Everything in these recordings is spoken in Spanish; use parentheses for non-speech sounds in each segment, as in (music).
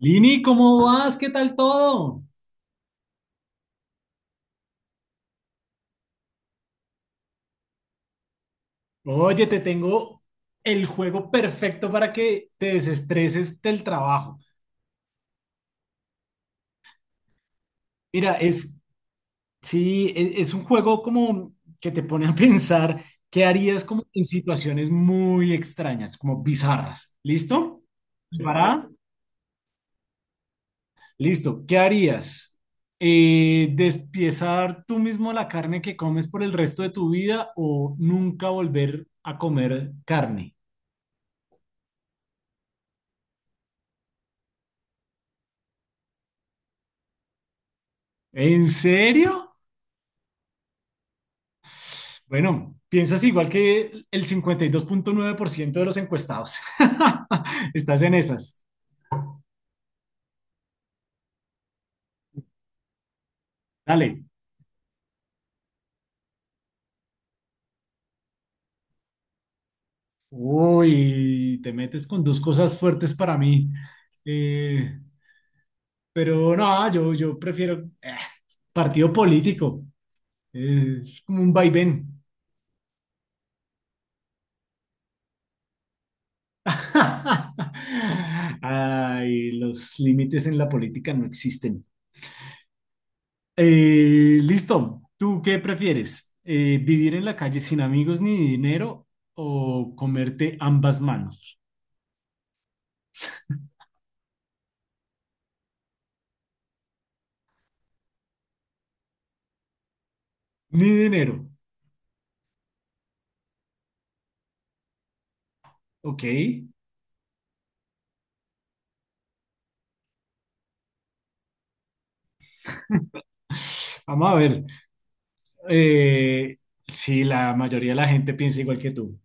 Lini, ¿cómo vas? ¿Qué tal todo? Oye, te tengo el juego perfecto para que te desestreses del trabajo. Mira, es, sí, es un juego como que te pone a (laughs) pensar qué harías como en situaciones muy extrañas, como bizarras. ¿Listo? ¿Preparada? Listo. ¿Qué harías? ¿Despiezar tú mismo la carne que comes por el resto de tu vida o nunca volver a comer carne? ¿En serio? Bueno, piensas igual que el 52.9% de los encuestados. (laughs) Estás en esas. Dale. Uy, te metes con dos cosas fuertes para mí. Eh, pero no, yo prefiero partido político. Es como un vaivén. (laughs) Ay, los límites en la política no existen. Listo. ¿Tú qué prefieres? ¿Vivir en la calle sin amigos ni dinero o comerte ambas manos? Ni dinero. Ok. Vamos a ver. Eh, sí, la mayoría de la gente piensa igual que tú.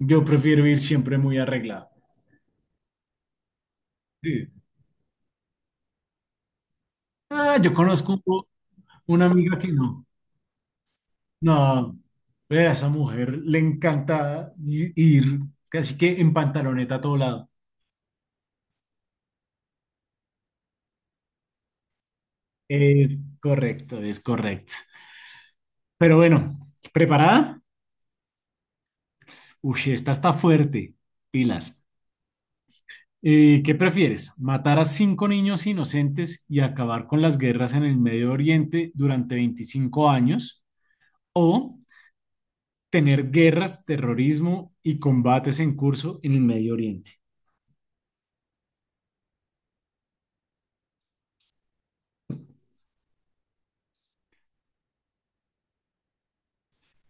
Yo prefiero ir siempre muy arreglado. Sí. Ah, yo conozco una amiga que no. No, ve, a esa mujer le encanta ir casi que en pantaloneta a todo lado. Es correcto, es correcto. Pero bueno, ¿preparada? Uy, esta está fuerte. Pilas. ¿Qué prefieres? ¿Matar a cinco niños inocentes y acabar con las guerras en el Medio Oriente durante 25 años? ¿O tener guerras, terrorismo y combates en curso en el Medio Oriente?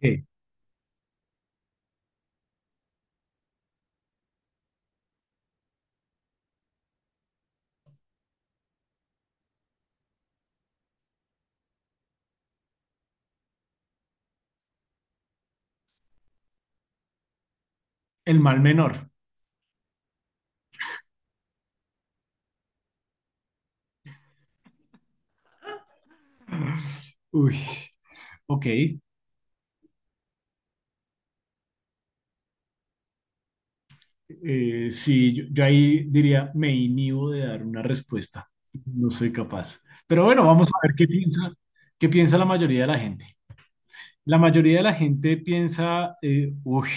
Eh, el mal menor. Uy, ok. Sí, yo ahí diría, me inhibo de dar una respuesta. No soy capaz. Pero bueno, vamos a ver qué piensa la mayoría de la gente. La mayoría de la gente piensa, uy,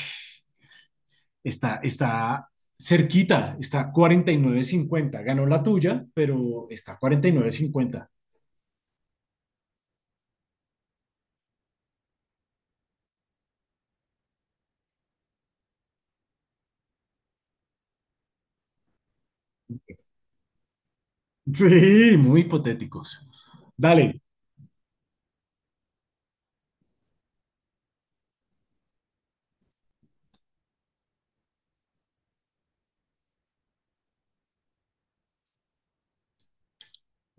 está cerquita, está 49-50. Ganó la tuya, pero está 49-50. Sí, muy hipotéticos. Dale.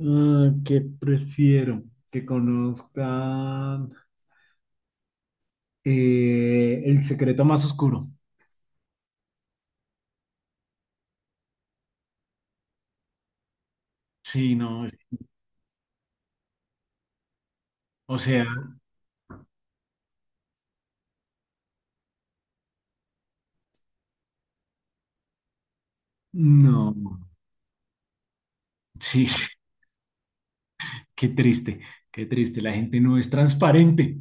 Ah, ¿qué prefiero? Que conozcan el secreto más oscuro. Sí, no, o sea, no. Sí, (laughs) qué triste, qué triste. La gente no es transparente.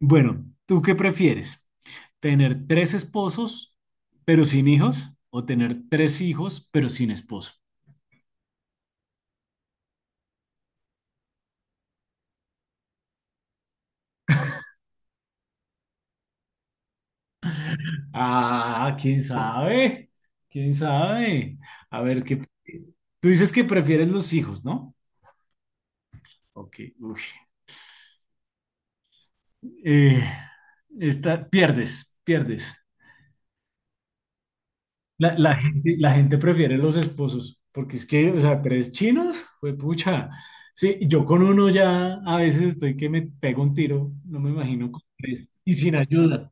Bueno, ¿tú qué prefieres? ¿Tener tres esposos pero sin hijos o tener tres hijos pero sin esposo? Ah, quién sabe, quién sabe. A ver, ¿qué? Tú dices que prefieres los hijos, ¿no? Ok, uy. Eh, esta, pierdes, pierdes. La gente prefiere los esposos, porque es que, o sea, tres chinos, pues pucha. Sí, yo con uno ya a veces estoy que me pego un tiro, no me imagino con tres, y sin ayuda.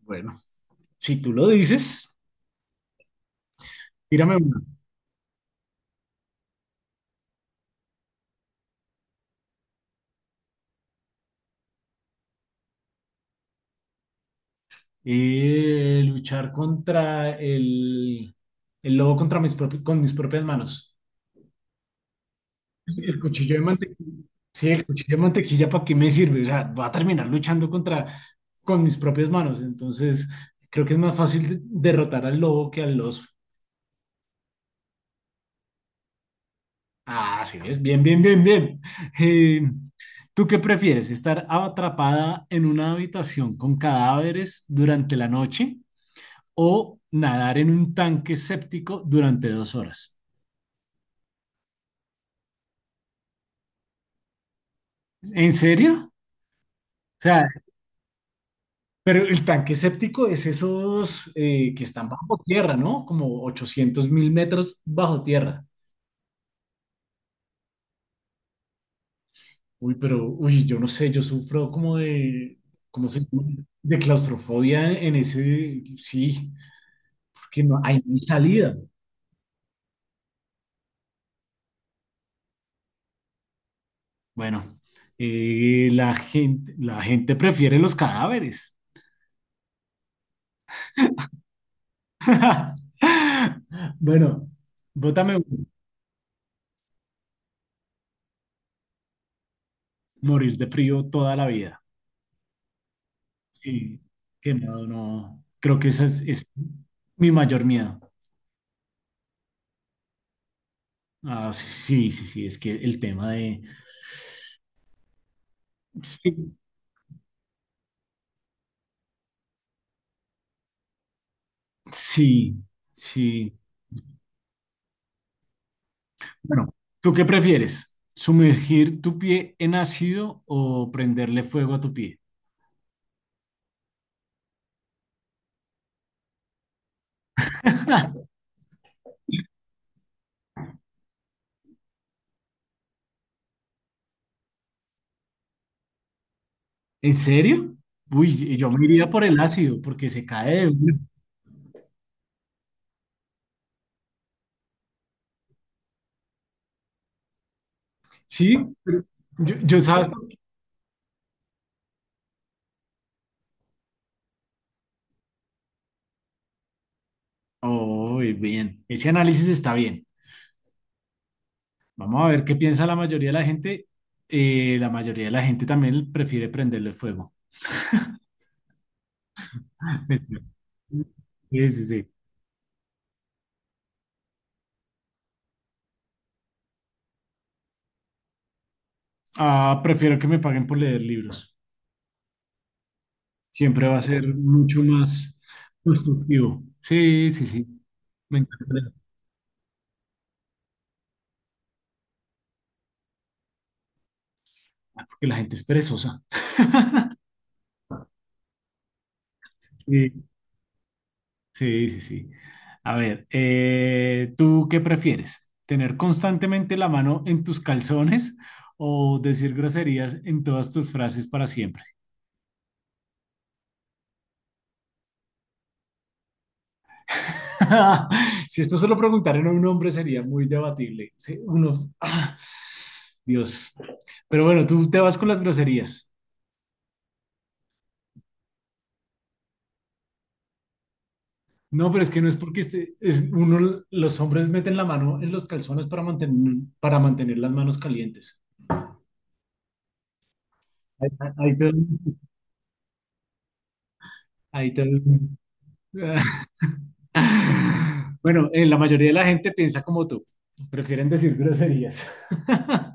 Bueno, si tú lo dices, tírame una. Luchar contra el lobo contra con mis propias manos. Sí, el cuchillo de mantequilla. Sí, el cuchillo de mantequilla, ¿para qué me sirve? O sea, va a terminar luchando contra, con mis propias manos. Entonces, creo que es más fácil derrotar al lobo que al oso. Ah, sí, es bien, bien, bien, bien. Eh, ¿Tú qué prefieres? ¿Estar atrapada en una habitación con cadáveres durante la noche o nadar en un tanque séptico durante 2 horas? ¿En serio? O sea, pero el tanque séptico es esos que están bajo tierra, ¿no? Como 800.000 metros bajo tierra. Uy, pero, uy, yo no sé, yo sufro como de, ¿cómo se llama? De claustrofobia en ese, sí, porque no hay ni salida. Bueno, la gente prefiere los cadáveres. (laughs) Bueno, bótame uno. Morir de frío toda la vida. Sí, qué miedo, no. Creo que ese es mi mayor miedo. Ah, sí, sí, sí, es que el tema de... Sí, sí, sí. Bueno, ¿tú qué prefieres? ¿Sumergir tu pie en ácido o prenderle fuego a tu pie? (laughs) ¿En serio? Uy, yo me iría por el ácido porque se cae de una. Sí, pero yo sabes. Oh, bien. Ese análisis está bien. Vamos a ver qué piensa la mayoría de la gente. La mayoría de la gente también prefiere prenderle fuego. (laughs) Sí, sí, sí. Ah, prefiero que me paguen por leer libros. Siempre va a ser mucho más constructivo. Sí, sí, sí. Me encanta leer. Ah, porque la gente es perezosa. Sí, sí, sí, sí. A ver, ¿tú qué prefieres? ¿Tener constantemente la mano en tus calzones o decir groserías en todas tus frases para siempre? (laughs) Si esto se lo preguntaran a un hombre sería muy debatible. Sí, uno, ah, Dios. Pero bueno, tú te vas con las groserías. No, pero es que no es porque este, es uno, los hombres meten la mano en los calzones para para mantener las manos calientes. Ahí, ahí te- ahí te- (laughs) Bueno, la mayoría de la gente piensa como tú. Prefieren decir groserías. (laughs)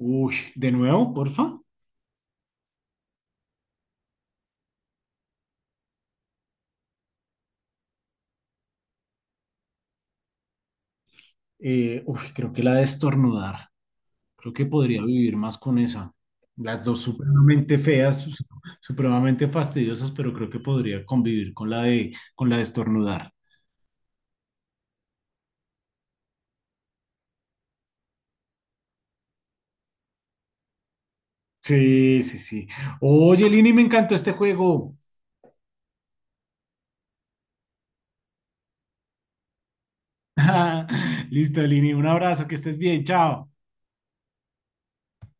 Uy, de nuevo, porfa. Creo que la de estornudar. Creo que podría vivir más con esa. Las dos supremamente feas, supremamente fastidiosas, pero creo que podría convivir con con la de estornudar. Sí, sí, sí. Oye, Lini, me encantó este juego. (laughs) Listo, Lini, un abrazo, que estés bien, chao.